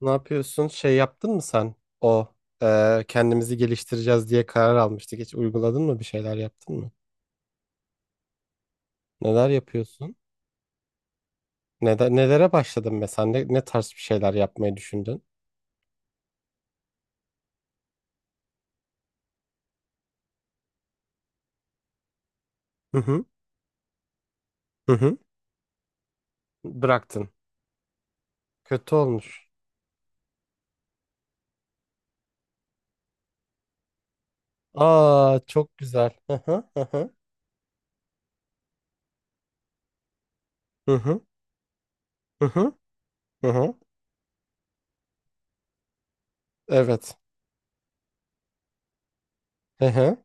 Ne yapıyorsun? Şey yaptın mı sen? O Kendimizi geliştireceğiz diye karar almıştık. Hiç uyguladın mı? Bir şeyler yaptın mı? Neler yapıyorsun? Nelere başladın mesela? Ne tarz bir şeyler yapmayı düşündün? Hı hı. Hı hı. Bıraktın. Kötü olmuş. Aa, çok güzel. Hı hı. Hı hı. Hı hı. Hı hı. Hı hı. Evet. Hı hı.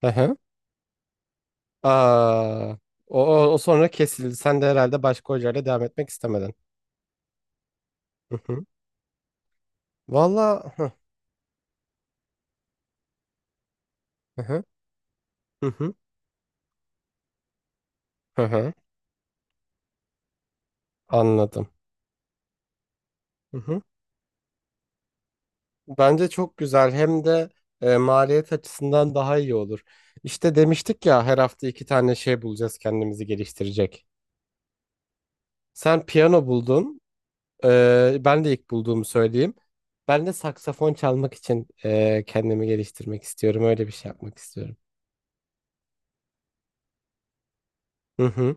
Hı hı. Aa. O sonra kesildi. Sen de herhalde başka hocayla devam etmek istemedin. Hı hı. Valla. Hı hı. Hı hı. Hı hı. Anladım. Hı hı. Bence çok güzel, hem de maliyet açısından daha iyi olur. İşte demiştik ya, her hafta iki tane şey bulacağız kendimizi geliştirecek. Sen piyano buldun. Ben de ilk bulduğumu söyleyeyim. Ben de saksafon çalmak için kendimi geliştirmek istiyorum. Öyle bir şey yapmak istiyorum. Hı hı.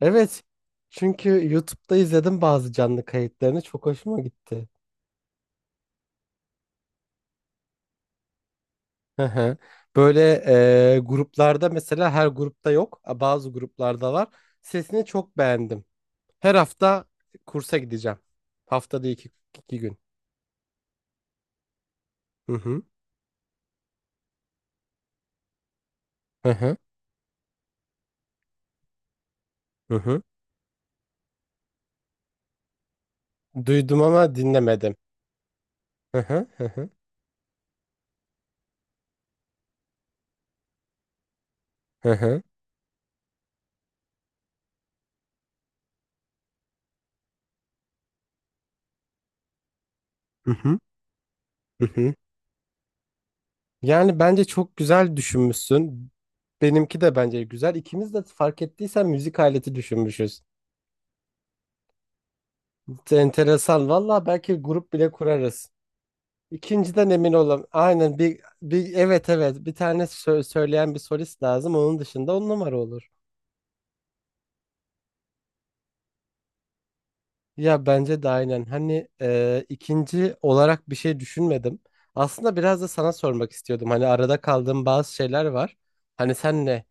Evet. Çünkü YouTube'da izledim bazı canlı kayıtlarını. Çok hoşuma gitti. Hı hı. Böyle gruplarda, mesela her grupta yok. Bazı gruplarda var. Sesini çok beğendim. Her hafta kursa gideceğim. Haftada iki, iki gün. Hı hı. Hı hı. Hı hı. Duydum ama dinlemedim. Hı hı. Hı hı. Hı hı. Hı hı. Hı hı. Yani bence çok güzel düşünmüşsün. Benimki de bence güzel. İkimiz de fark ettiysen müzik aleti düşünmüşüz. Enteresan. Valla belki grup bile kurarız. İkinciden emin olam. Aynen, bir, bir evet, evet, bir tane söyleyen bir solist lazım. Onun dışında on numara olur. Ya bence de aynen. Hani ikinci olarak bir şey düşünmedim. Aslında biraz da sana sormak istiyordum. Hani arada kaldığım bazı şeyler var. Hani sen ne?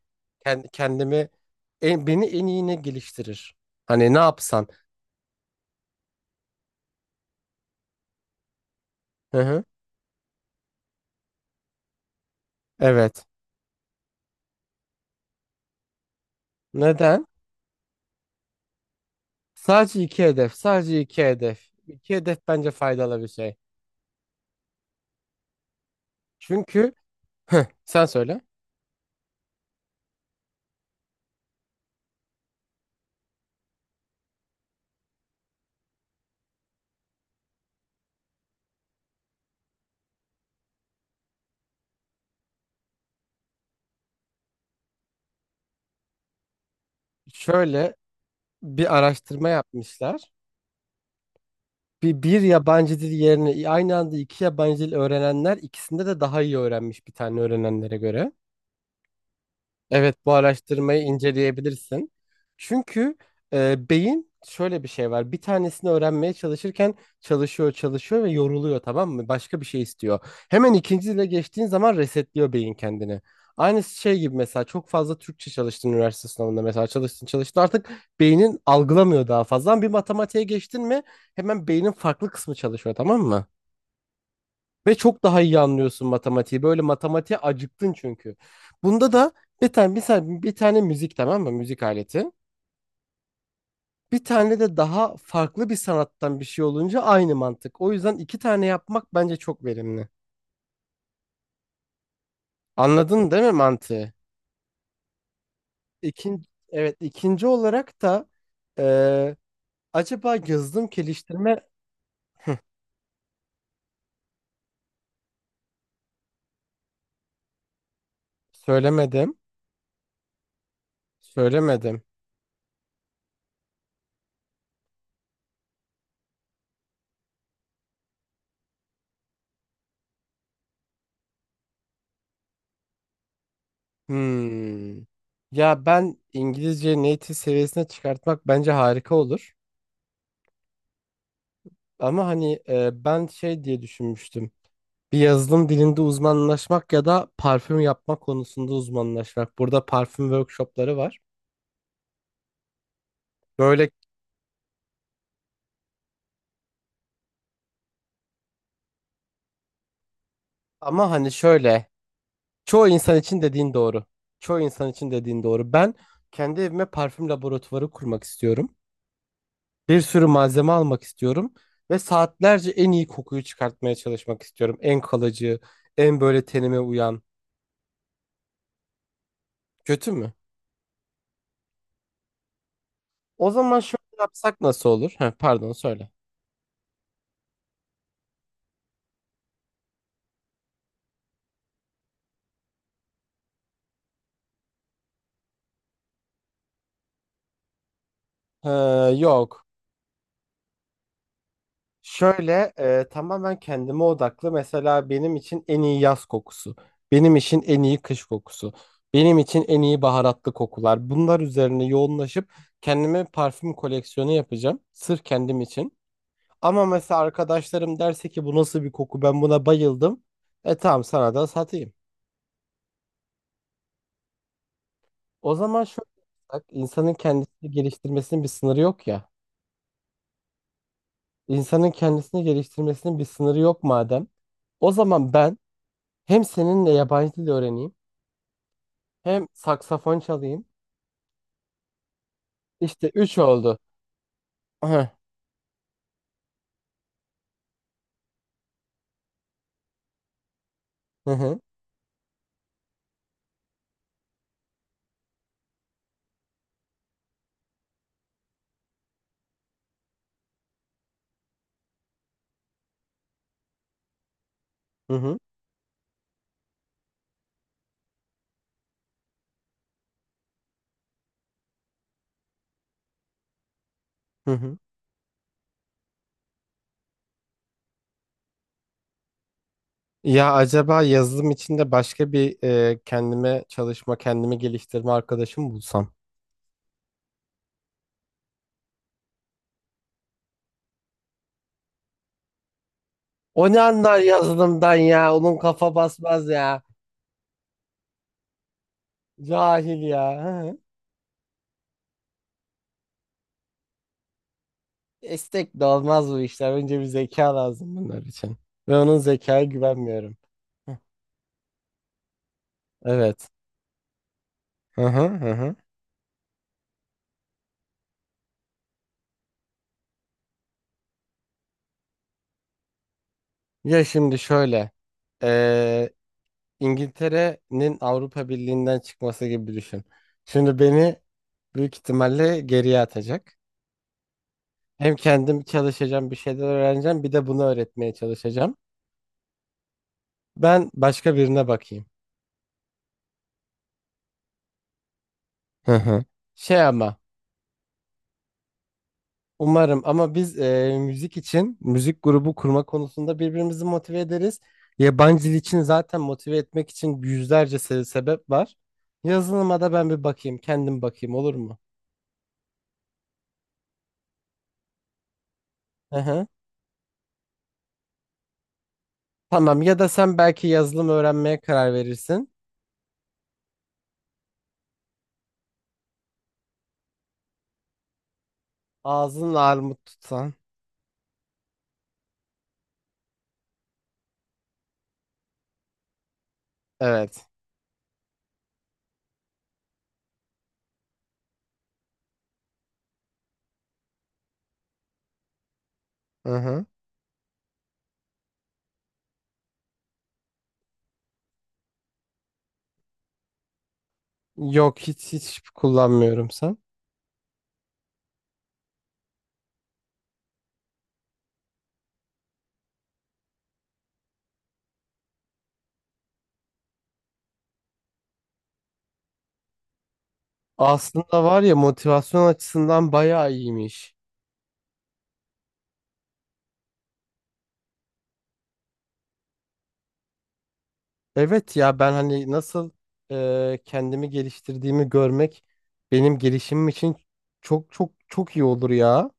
Ken- kendimi Beni en iyi ne geliştirir? Hani ne yapsan? Hı hı. Evet. Neden? Sadece iki hedef. Sadece iki hedef. İki hedef bence faydalı bir şey. Çünkü sen söyle. Şöyle bir araştırma yapmışlar. Bir yabancı dil yerine aynı anda iki yabancı dil öğrenenler ikisinde de daha iyi öğrenmiş bir tane öğrenenlere göre. Evet, bu araştırmayı inceleyebilirsin. Çünkü beyin şöyle bir şey var. Bir tanesini öğrenmeye çalışırken çalışıyor, çalışıyor ve yoruluyor, tamam mı? Başka bir şey istiyor. Hemen ikincisiyle geçtiğin zaman resetliyor beyin kendini. Aynı şey gibi, mesela çok fazla Türkçe çalıştın üniversite sınavında, mesela çalıştın çalıştın, artık beynin algılamıyor daha fazla. Ama bir matematiğe geçtin mi hemen beynin farklı kısmı çalışıyor, tamam mı? Ve çok daha iyi anlıyorsun matematiği. Böyle matematiğe acıktın çünkü. Bunda da bir tane müzik, tamam mı? Müzik aleti. Bir tane de daha farklı bir sanattan bir şey olunca aynı mantık. O yüzden iki tane yapmak bence çok verimli. Anladın değil mi mantığı? İkinci, evet, ikinci olarak da eee, acaba yazılım geliştirme. Söylemedim. Söylemedim. Hmm. Ya ben İngilizce native seviyesine çıkartmak bence harika olur. Ama hani ben şey diye düşünmüştüm. Bir yazılım dilinde uzmanlaşmak ya da parfüm yapma konusunda uzmanlaşmak. Burada parfüm workshopları var. Böyle, ama hani şöyle, çoğu insan için dediğin doğru. Çoğu insan için dediğin doğru. Ben kendi evime parfüm laboratuvarı kurmak istiyorum. Bir sürü malzeme almak istiyorum ve saatlerce en iyi kokuyu çıkartmaya çalışmak istiyorum. En kalıcı, en böyle tenime uyan. Kötü mü? O zaman şöyle yapsak nasıl olur? Heh, pardon, söyle. Ee, Yok. Şöyle, tamamen kendime odaklı. Mesela benim için en iyi yaz kokusu, benim için en iyi kış kokusu, benim için en iyi baharatlı kokular. Bunlar üzerine yoğunlaşıp kendime parfüm koleksiyonu yapacağım. Sırf kendim için. Ama mesela arkadaşlarım derse ki bu nasıl bir koku, ben buna bayıldım. Tamam, sana da satayım. O zaman şöyle bak, insanın kendisini geliştirmesinin bir sınırı yok ya. İnsanın kendisini geliştirmesinin bir sınırı yok madem. O zaman ben hem seninle yabancı dil öğreneyim, hem saksafon çalayım. İşte üç oldu. Hı hı hı hı hı. Hı. Ya acaba yazılım içinde başka bir kendime çalışma, kendimi geliştirme arkadaşım bulsam. O ne anlar yazılımdan ya? Onun kafa basmaz ya. Cahil ya. Hı hı. Esnek de olmaz bu işler. Önce bir zeka lazım bunlar için. Ve onun zekaya güvenmiyorum. Hı. Evet. Hı hı hı. Hı. Ya şimdi şöyle. İngiltere'nin Avrupa Birliği'nden çıkması gibi düşün. Şimdi beni büyük ihtimalle geriye atacak. Hem kendim çalışacağım, bir şeyler öğreneceğim, bir de bunu öğretmeye çalışacağım. Ben başka birine bakayım. Hı hı. Şey, ama umarım, ama biz müzik için müzik grubu kurma konusunda birbirimizi motive ederiz. Yabancı dil için zaten motive etmek için yüzlerce sebep var. Yazılıma da ben bir bakayım, kendim bakayım, olur mu? Hı hı. Tamam, ya da sen belki yazılım öğrenmeye karar verirsin. Ağzın armut tutsan. Evet. Hı hı. Yok, hiç hiç kullanmıyorum. Sen? Aslında var ya, motivasyon açısından bayağı iyiymiş. Evet ya, ben hani nasıl kendimi geliştirdiğimi görmek benim gelişimim için çok çok çok iyi olur ya.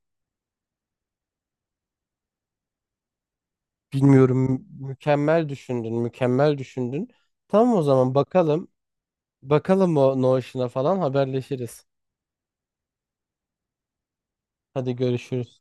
Bilmiyorum, mükemmel düşündün, mükemmel düşündün. Tamam, o zaman bakalım. Bakalım, o Notion'a falan haberleşiriz. Hadi görüşürüz.